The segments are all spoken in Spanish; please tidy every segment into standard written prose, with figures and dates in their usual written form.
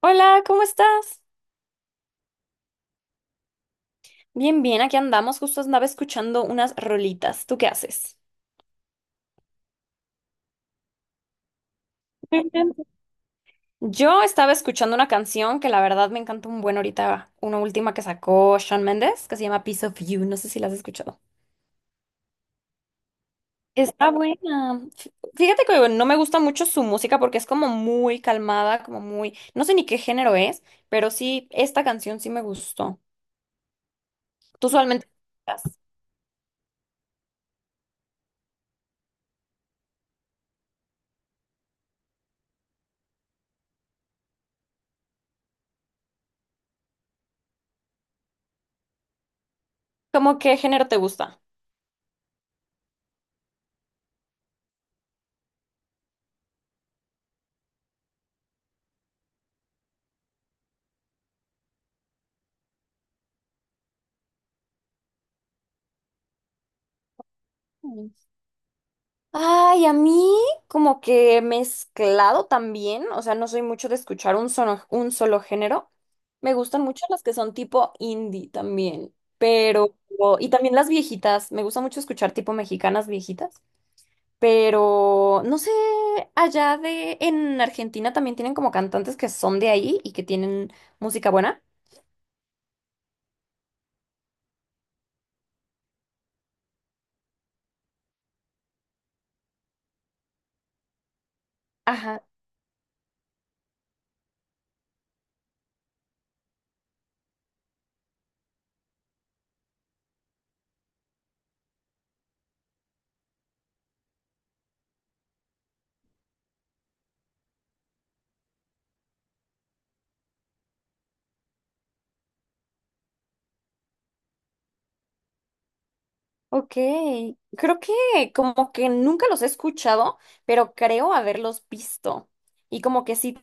Hola, ¿cómo estás? Bien, bien, aquí andamos. Justo andaba escuchando unas rolitas. ¿Tú qué haces? Bien, bien. Yo estaba escuchando una canción que la verdad me encanta un buen ahorita, una última que sacó Shawn Mendes, que se llama Piece of You. No sé si la has escuchado. Está buena. Fíjate que no me gusta mucho su música porque es como muy calmada, como muy, no sé ni qué género es, pero sí, esta canción sí me gustó. ¿Tú usualmente escuchas? ¿Cómo qué género te gusta? Ay, a mí como que mezclado también, o sea, no soy mucho de escuchar un solo género. Me gustan mucho las que son tipo indie también, pero y también las viejitas, me gusta mucho escuchar tipo mexicanas viejitas, pero no sé, allá de, en Argentina también tienen como cantantes que son de ahí y que tienen música buena. Ajá, ok. Creo que como que nunca los he escuchado, pero creo haberlos visto. Y como que sí.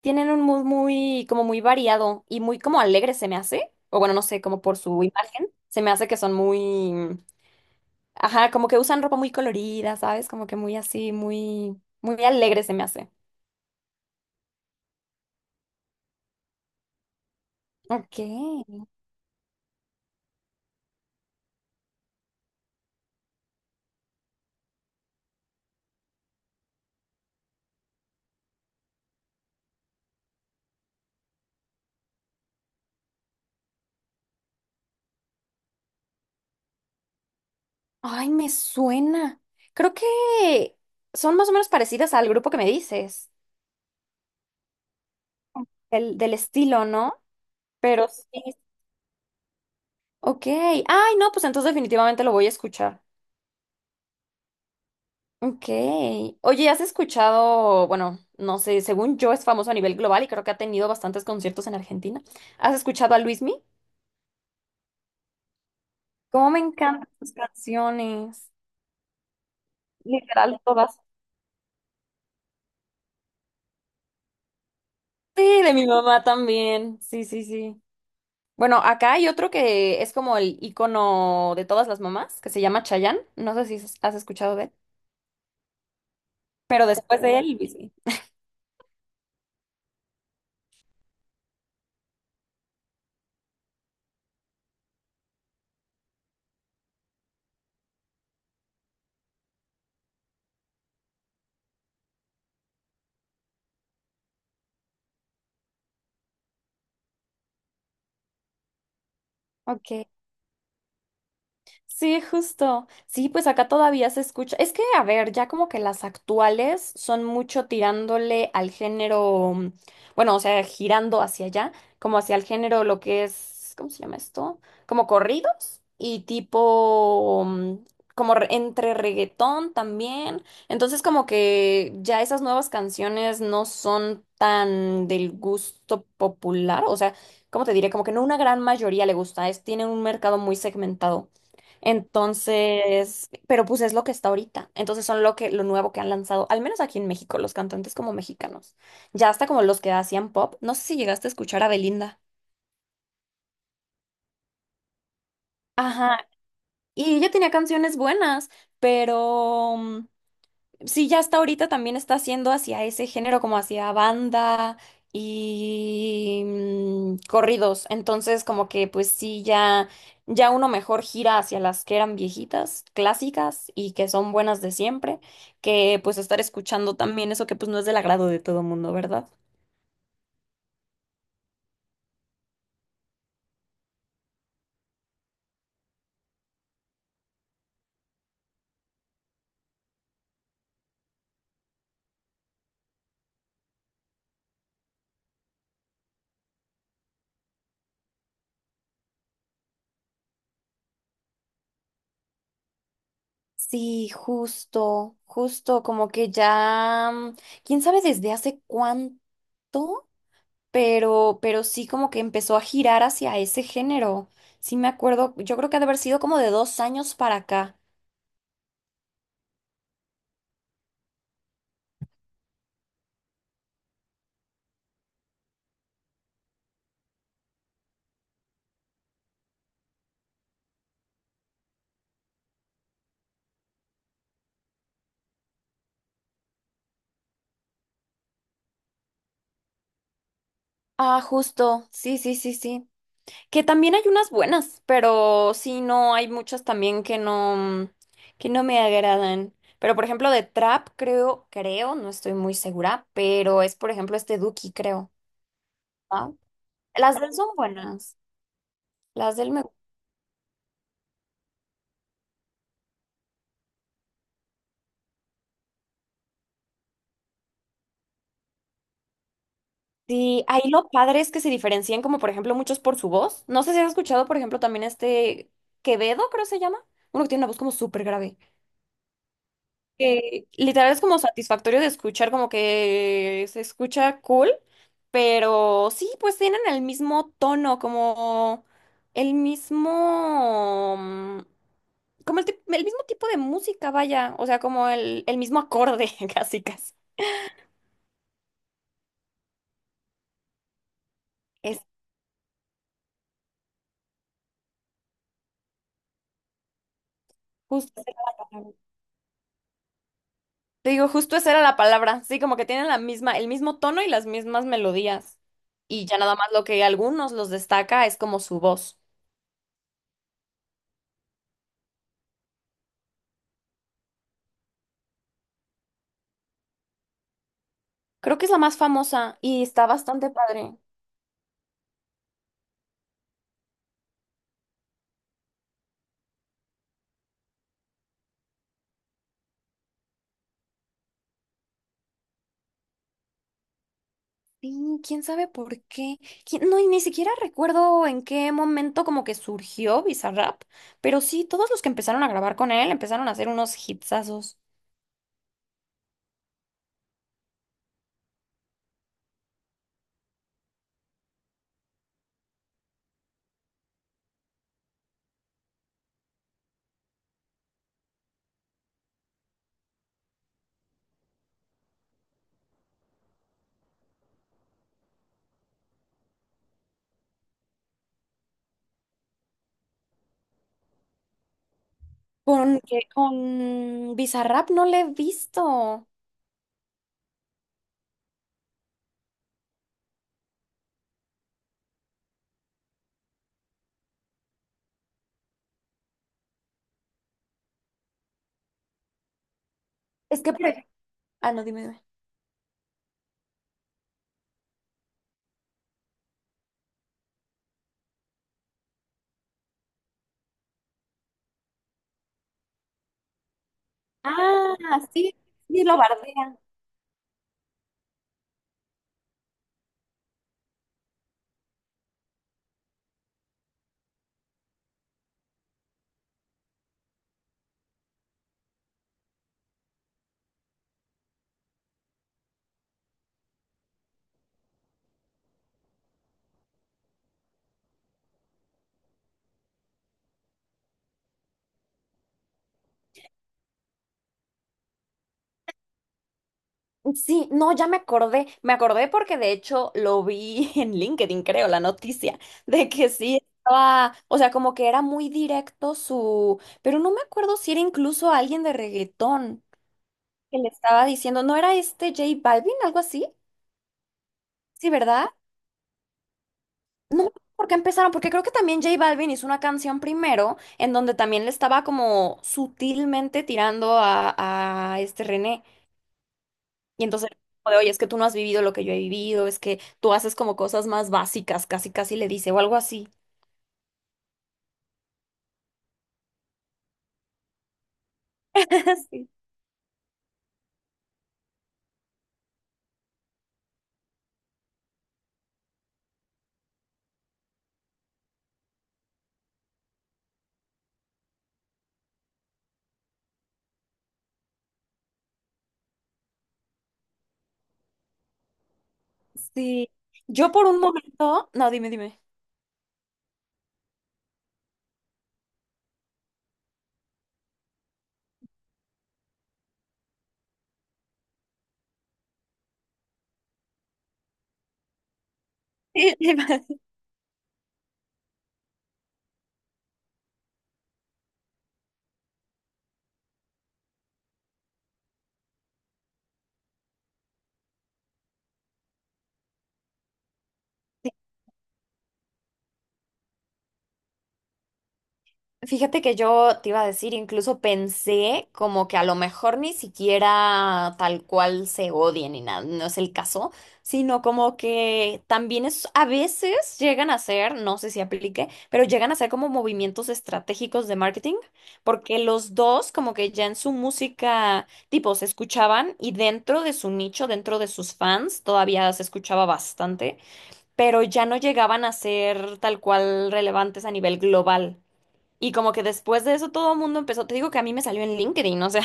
Tienen un mood muy, como muy variado y muy como alegre se me hace, o bueno, no sé, como por su imagen, se me hace que son muy, mm, ajá, como que usan ropa muy colorida, ¿sabes? Como que muy así, muy, muy alegre se me hace. Ok. Ay, me suena. Creo que son más o menos parecidas al grupo que me dices, del estilo, ¿no? Pero sí. Ok. Ay, no, pues entonces definitivamente lo voy a escuchar. Ok. Oye, ¿has escuchado, bueno, no sé, según yo es famoso a nivel global y creo que ha tenido bastantes conciertos en Argentina? ¿Has escuchado a Luismi? Cómo me encantan sus canciones, literal todas. Sí, de mi mamá también. Sí, sí, sí. Bueno, acá hay otro que es como el icono de todas las mamás, que se llama Chayanne. No sé si has escuchado de él, pero después de él, Luismi. Ok. Sí, justo. Sí, pues acá todavía se escucha. Es que, a ver, ya como que las actuales son mucho tirándole al género, bueno, o sea, girando hacia allá, como hacia el género lo que es, ¿cómo se llama esto? Como corridos y tipo, como entre reggaetón también. Entonces, como que ya esas nuevas canciones no son tan del gusto popular, o sea, ¿cómo te diré? Como que no una gran mayoría le gusta, tienen un mercado muy segmentado. Entonces, pero pues es lo que está ahorita. Entonces son lo que, lo nuevo que han lanzado, al menos aquí en México, los cantantes como mexicanos. Ya hasta como los que hacían pop. No sé si llegaste a escuchar a Belinda. Ajá. Y ella tenía canciones buenas, pero sí, ya hasta ahorita también está haciendo hacia ese género, como hacia banda y corridos. Entonces, como que pues sí, ya uno mejor gira hacia las que eran viejitas, clásicas y que son buenas de siempre, que pues estar escuchando también eso que pues no es del agrado de todo mundo, ¿verdad? Sí, justo, justo, como que ya, quién sabe desde hace cuánto. Pero, sí como que empezó a girar hacia ese género. Sí me acuerdo, yo creo que ha de haber sido como de 2 años para acá. Ah, justo, sí, sí, sí, sí. Que también hay unas buenas, pero sí, no, hay muchas también que no me agradan. Pero por ejemplo de Trap, creo, creo, no estoy muy segura, pero es por ejemplo este Duki, creo. ¿Ah? Las de él son buenas, las del me. Sí, ahí lo padre es que se diferencian como por ejemplo muchos por su voz. No sé si has escuchado por ejemplo también este Quevedo, creo se llama. Uno que tiene una voz como súper grave. Que literal es como satisfactorio de escuchar, como que se escucha cool, pero sí, pues tienen el mismo tono, como el mismo, como el mismo tipo de música, vaya. O sea, como el mismo acorde, casi casi. Es justo. Esa era la palabra. Te digo, justo esa era la palabra, sí, como que tienen el mismo tono y las mismas melodías. Y ya nada más lo que a algunos los destaca es como su voz. Creo que es la más famosa y está bastante padre. Sí, quién sabe por qué. No, y ni siquiera recuerdo en qué momento como que surgió Bizarrap, pero sí, todos los que empezaron a grabar con él empezaron a hacer unos hitsazos. Con Bizarrap no le he visto. Ah, no, dime, dime. Ah, sí, sí, lo bardean. Sí, no, ya me acordé porque de hecho lo vi en LinkedIn, creo, la noticia, de que sí estaba, o sea, como que era muy directo su, pero no me acuerdo si era incluso alguien de reggaetón que le estaba diciendo, ¿no era este J Balvin, algo así? Sí, ¿verdad? No, porque empezaron, porque creo que también J Balvin hizo una canción primero en donde también le estaba como sutilmente tirando a este René. Y entonces, como de, oye, es que tú no has vivido lo que yo he vivido, es que tú haces como cosas más básicas, casi casi le dice, o algo así. Sí. Sí. Yo por un momento, no, dime, dime. Fíjate que yo te iba a decir, incluso pensé como que a lo mejor ni siquiera tal cual se odien ni nada, no es el caso, sino como que también es, a veces llegan a ser, no sé si aplique, pero llegan a ser como movimientos estratégicos de marketing, porque los dos como que ya en su música, tipo, se escuchaban y dentro de su nicho, dentro de sus fans, todavía se escuchaba bastante, pero ya no llegaban a ser tal cual relevantes a nivel global. Y como que después de eso todo el mundo empezó, te digo que a mí me salió en LinkedIn, o sea,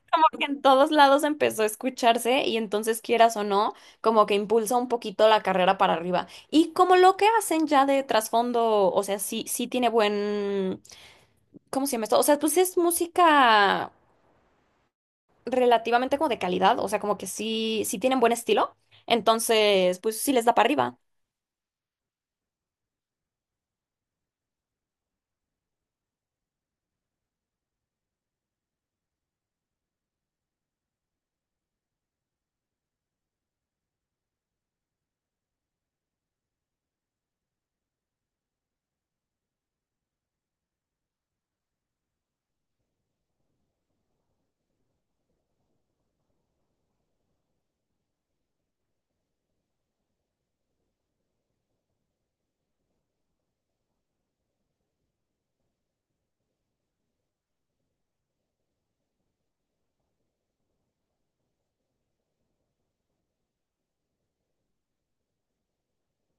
porque en todos lados empezó a escucharse y entonces quieras o no, como que impulsa un poquito la carrera para arriba. Y como lo que hacen ya de trasfondo, o sea, sí, sí tiene buen, ¿cómo se llama esto? O sea, pues es música relativamente como de calidad, o sea, como que sí, sí tienen buen estilo, entonces pues sí les da para arriba.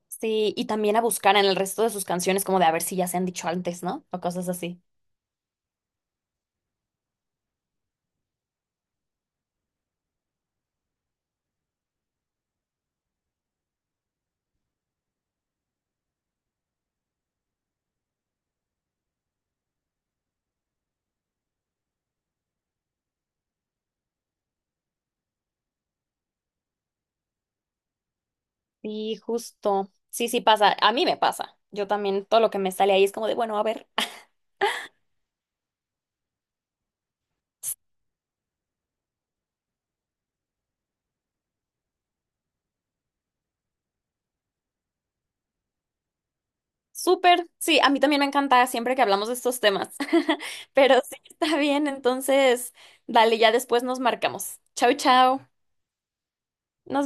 Sí, y también a buscar en el resto de sus canciones como de a ver si ya se han dicho antes, ¿no? O cosas así. Sí, justo. Sí, sí pasa. A mí me pasa. Yo también, todo lo que me sale ahí es como de, bueno, a ver. Súper. Sí, a mí también me encanta siempre que hablamos de estos temas. Pero sí, está bien. Entonces, dale, ya después nos marcamos. Chau, chau. Nos vemos.